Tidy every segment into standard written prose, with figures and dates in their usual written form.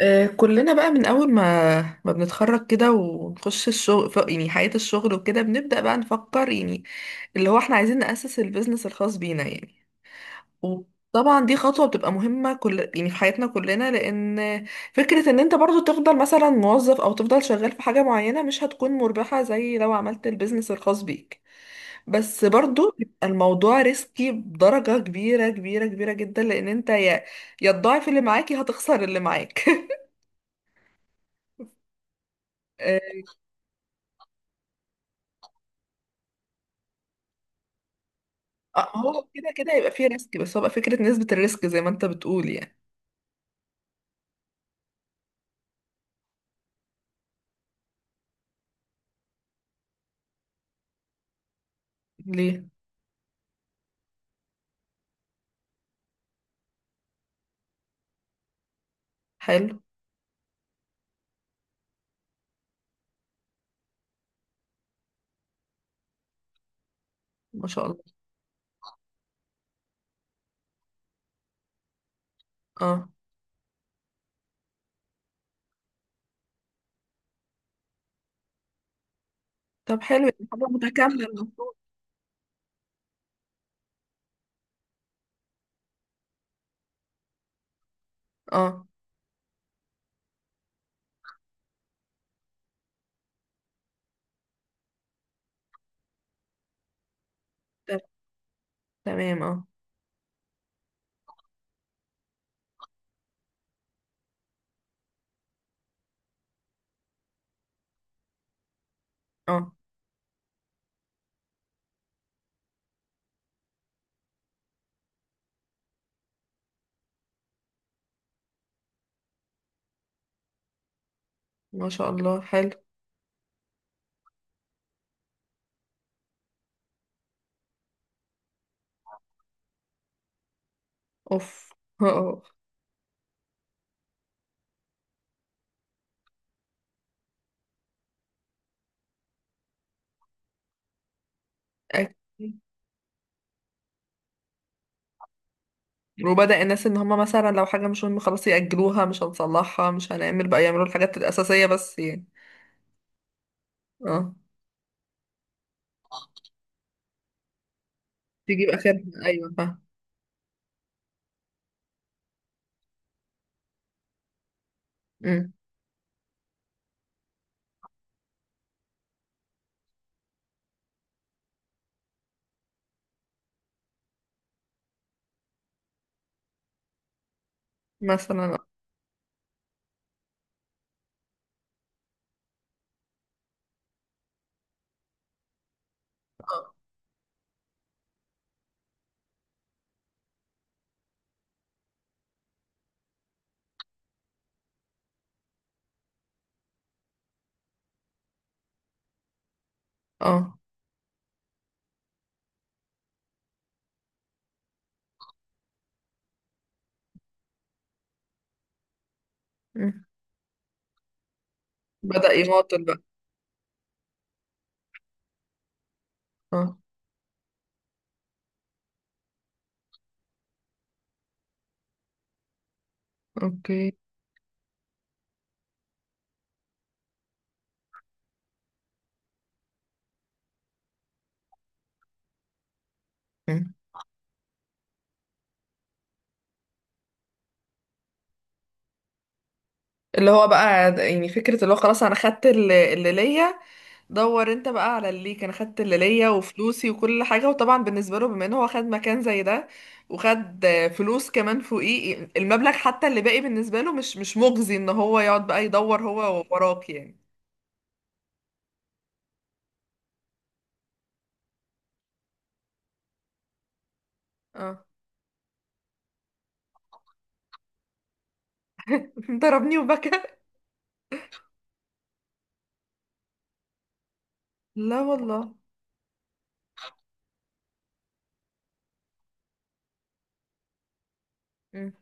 آه، كلنا بقى من اول ما بنتخرج كده ونخش الشغل يعني حياة الشغل وكده بنبدأ بقى نفكر يعني اللي هو احنا عايزين نأسس البيزنس الخاص بينا يعني. وطبعا دي خطوة بتبقى مهمة كل يعني في حياتنا كلنا، لأن فكرة ان انت برضو تفضل مثلا موظف او تفضل شغال في حاجة معينة مش هتكون مربحة زي لو عملت البيزنس الخاص بيك. بس برضو بيبقى الموضوع ريسكي بدرجة كبيرة كبيرة كبيرة جدا، لأن انت يا تضاعف اللي معاك يا هتخسر اللي معاك. آه، هو كده كده يبقى فيه ريسك، بس هو بقى فكرة نسبة الريسك زي ما انت بتقول يعني. ليه؟ حلو. ما شاء الله. اه. طب حلو، يعني حاجة متكاملة المفروض. اه. طب تمام، اه. اه. ما شاء الله، حلو. اوف. اه. أكيد. وبدأ الناس ان هما مثلا لو حاجة مش مهمة خلاص يأجلوها، مش هنصلحها مش هنعمل بقى، يعملوا الحاجات الأساسية بس يعني. اه، تجيب آخرها، أيوة فاهم. أمم. مثلا. اه. اه. أمم. بدأ يماطل بقى. اه، اوكي. اللي هو بقى يعني فكرة اللي هو خلاص، انا خدت اللي ليا. دور انت بقى على اللي ليك، انا خدت اللي ليا وفلوسي وكل حاجة. وطبعا بالنسبة له بما ان هو خد مكان زي ده وخد فلوس كمان فوقيه، المبلغ حتى اللي باقي بالنسبة له مش مجزي ان هو يقعد بقى يدور هو وراك يعني. اه. ضربني وبكى. لا والله. مم.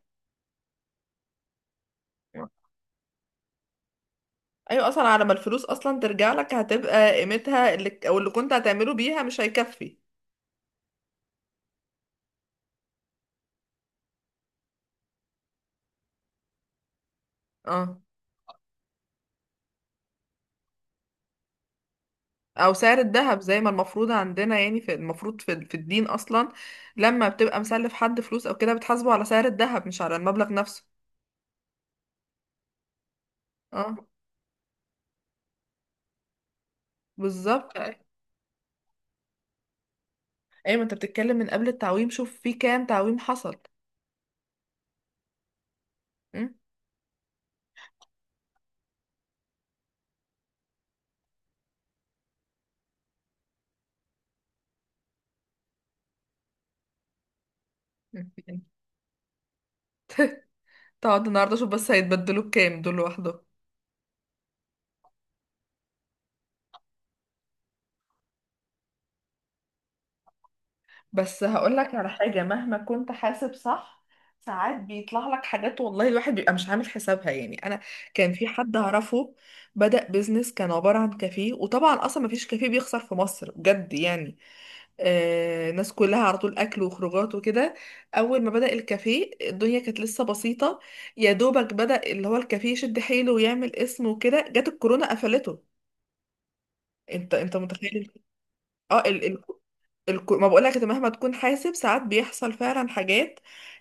ايوه، اصلا على ما الفلوس اصلا ترجع لك هتبقى قيمتها اللي او اللي كنت هتعمله بيها مش هيكفي. اه، او سعر الذهب زي ما المفروض عندنا، يعني في المفروض في الدين اصلا. لما بتبقى مسلف حد فلوس او كده بتحاسبه على سعر الذهب مش على المبلغ نفسه. اه، بالظبط ايوه. ما انت بتتكلم من قبل التعويم، شوف في كام تعويم حصل. م؟ م. تقعد النهارده شوف بس هيتبدلوا بكام دول لوحدهم. بس هقولك على حاجة، مهما كنت حاسب صح ساعات بيطلع لك حاجات والله الواحد بيبقى مش عامل حسابها يعني. انا كان في حد اعرفه بدأ بيزنس كان عبارة عن كافيه، وطبعا اصلا مفيش كافيه بيخسر في مصر بجد يعني. الناس كلها على طول اكل وخروجات وكده. اول ما بدأ الكافيه الدنيا كانت لسه بسيطة، يا دوبك بدأ اللي هو الكافيه يشد حيله ويعمل اسم وكده جت الكورونا قفلته. انت متخيل اه ال... ال... ما بقولك انت مهما تكون حاسب ساعات بيحصل فعلا حاجات.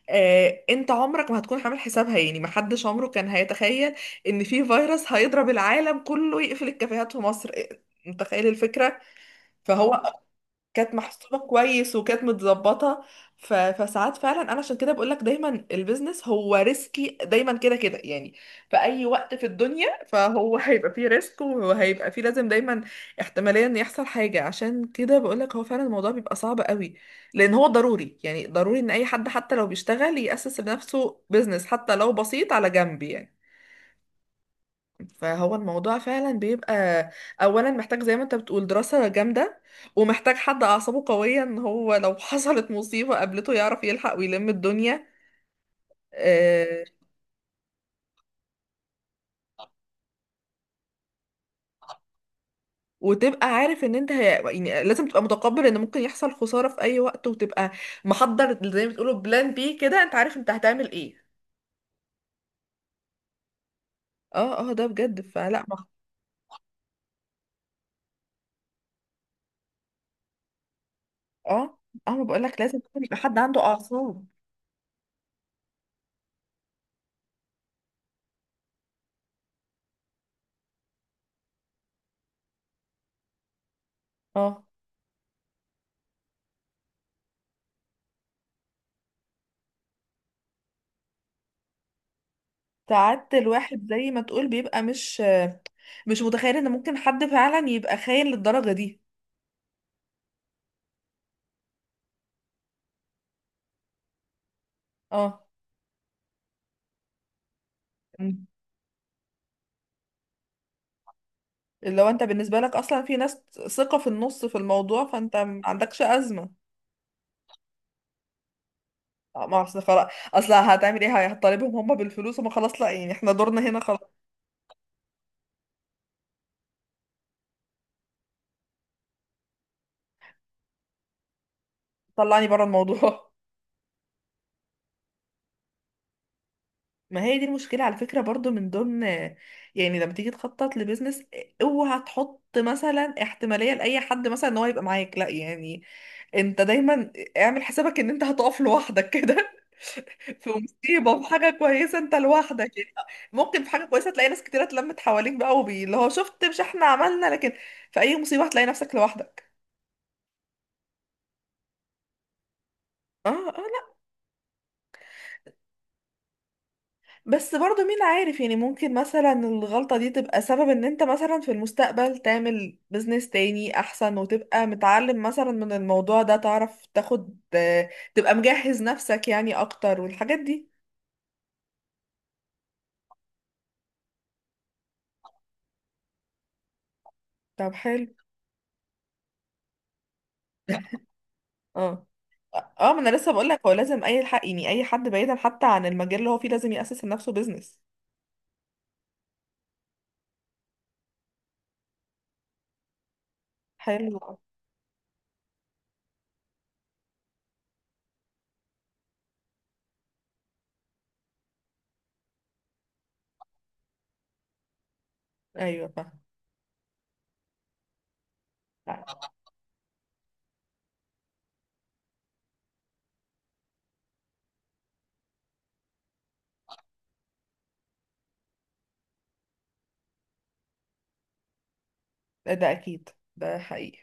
انت عمرك ما هتكون عامل حسابها يعني، محدش عمره كان هيتخيل ان في فيروس هيضرب العالم كله يقفل الكافيهات في مصر، إيه، متخيل الفكرة. فهو كانت محسوبة كويس وكانت متظبطة. فساعات فعلا انا عشان كده بقول لك دايما البيزنس هو ريسكي دايما كده كده يعني في اي وقت في الدنيا. فهو هيبقى فيه ريسك وهيبقى فيه، لازم دايما احتمالية ان يحصل حاجة. عشان كده بقول لك هو فعلا الموضوع بيبقى صعب قوي، لان هو ضروري يعني ضروري ان اي حد حتى لو بيشتغل يأسس لنفسه بيزنس حتى لو بسيط على جنب يعني. فهو الموضوع فعلا بيبقى اولا محتاج زي ما انت بتقول دراسة جامدة، ومحتاج حد اعصابه قوية ان هو لو حصلت مصيبة قابلته يعرف يلحق ويلم الدنيا. آه، وتبقى عارف ان انت يعني لازم تبقى متقبل ان ممكن يحصل خسارة في اي وقت، وتبقى محضر زي ما بتقولوا بلان بي كده، انت عارف انت هتعمل ايه. اه اه، ده بجد. فلا ما. اه اه، ما بقولك لازم يكون يبقى حد عنده اعصاب. اه. ساعات الواحد زي ما تقول بيبقى مش متخيل ان ممكن حد فعلا يبقى خاين للدرجة دي. اه. مم. لو انت بالنسبة لك اصلا في ناس ثقة في النص في الموضوع فانت ما عندكش ازمة. ما اصل خلاص، اصل هتعمل ايه؟ هتطالبهم هم بالفلوس؟ هم خلاص لا، يعني احنا دورنا هنا خلاص. طلعني بره الموضوع. ما هي دي المشكلة على فكرة برضو من ضمن، يعني لما تيجي تخطط لبيزنس اوعى تحط مثلا احتمالية لأي حد مثلا ان هو يبقى معاك، لا يعني، انت دايما اعمل حسابك ان انت هتقف لوحدك كده. في مصيبة في حاجة كويسة انت لوحدك يعني، ممكن في حاجة كويسة تلاقي ناس كتيرة اتلمت حواليك بقى، وبي اللي هو شفت مش احنا عملنا لكن في اي مصيبة هتلاقي نفسك لوحدك. اه اه، لا. بس برضو مين عارف يعني، ممكن مثلا الغلطة دي تبقى سبب ان انت مثلا في المستقبل تعمل بزنس تاني احسن وتبقى متعلم مثلا من الموضوع ده، تعرف تاخد، تبقى مجهز نفسك يعني اكتر والحاجات دي. طب حلو. اه اه، ما انا لسه بقول لك هو لازم اي حق يعني اي حد بعيدا حتى عن المجال اللي هو فيه لازم يأسس لنفسه بيزنس. حلو. ايوه فاهم. ده اكيد، ده حقيقي.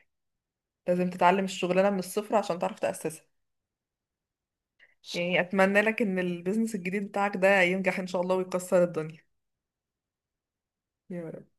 لازم تتعلم الشغلانه من الصفر عشان تعرف تأسسها. يعني اتمنى لك ان البيزنس الجديد بتاعك ده ينجح ان شاء الله ويكسر الدنيا. يا رب.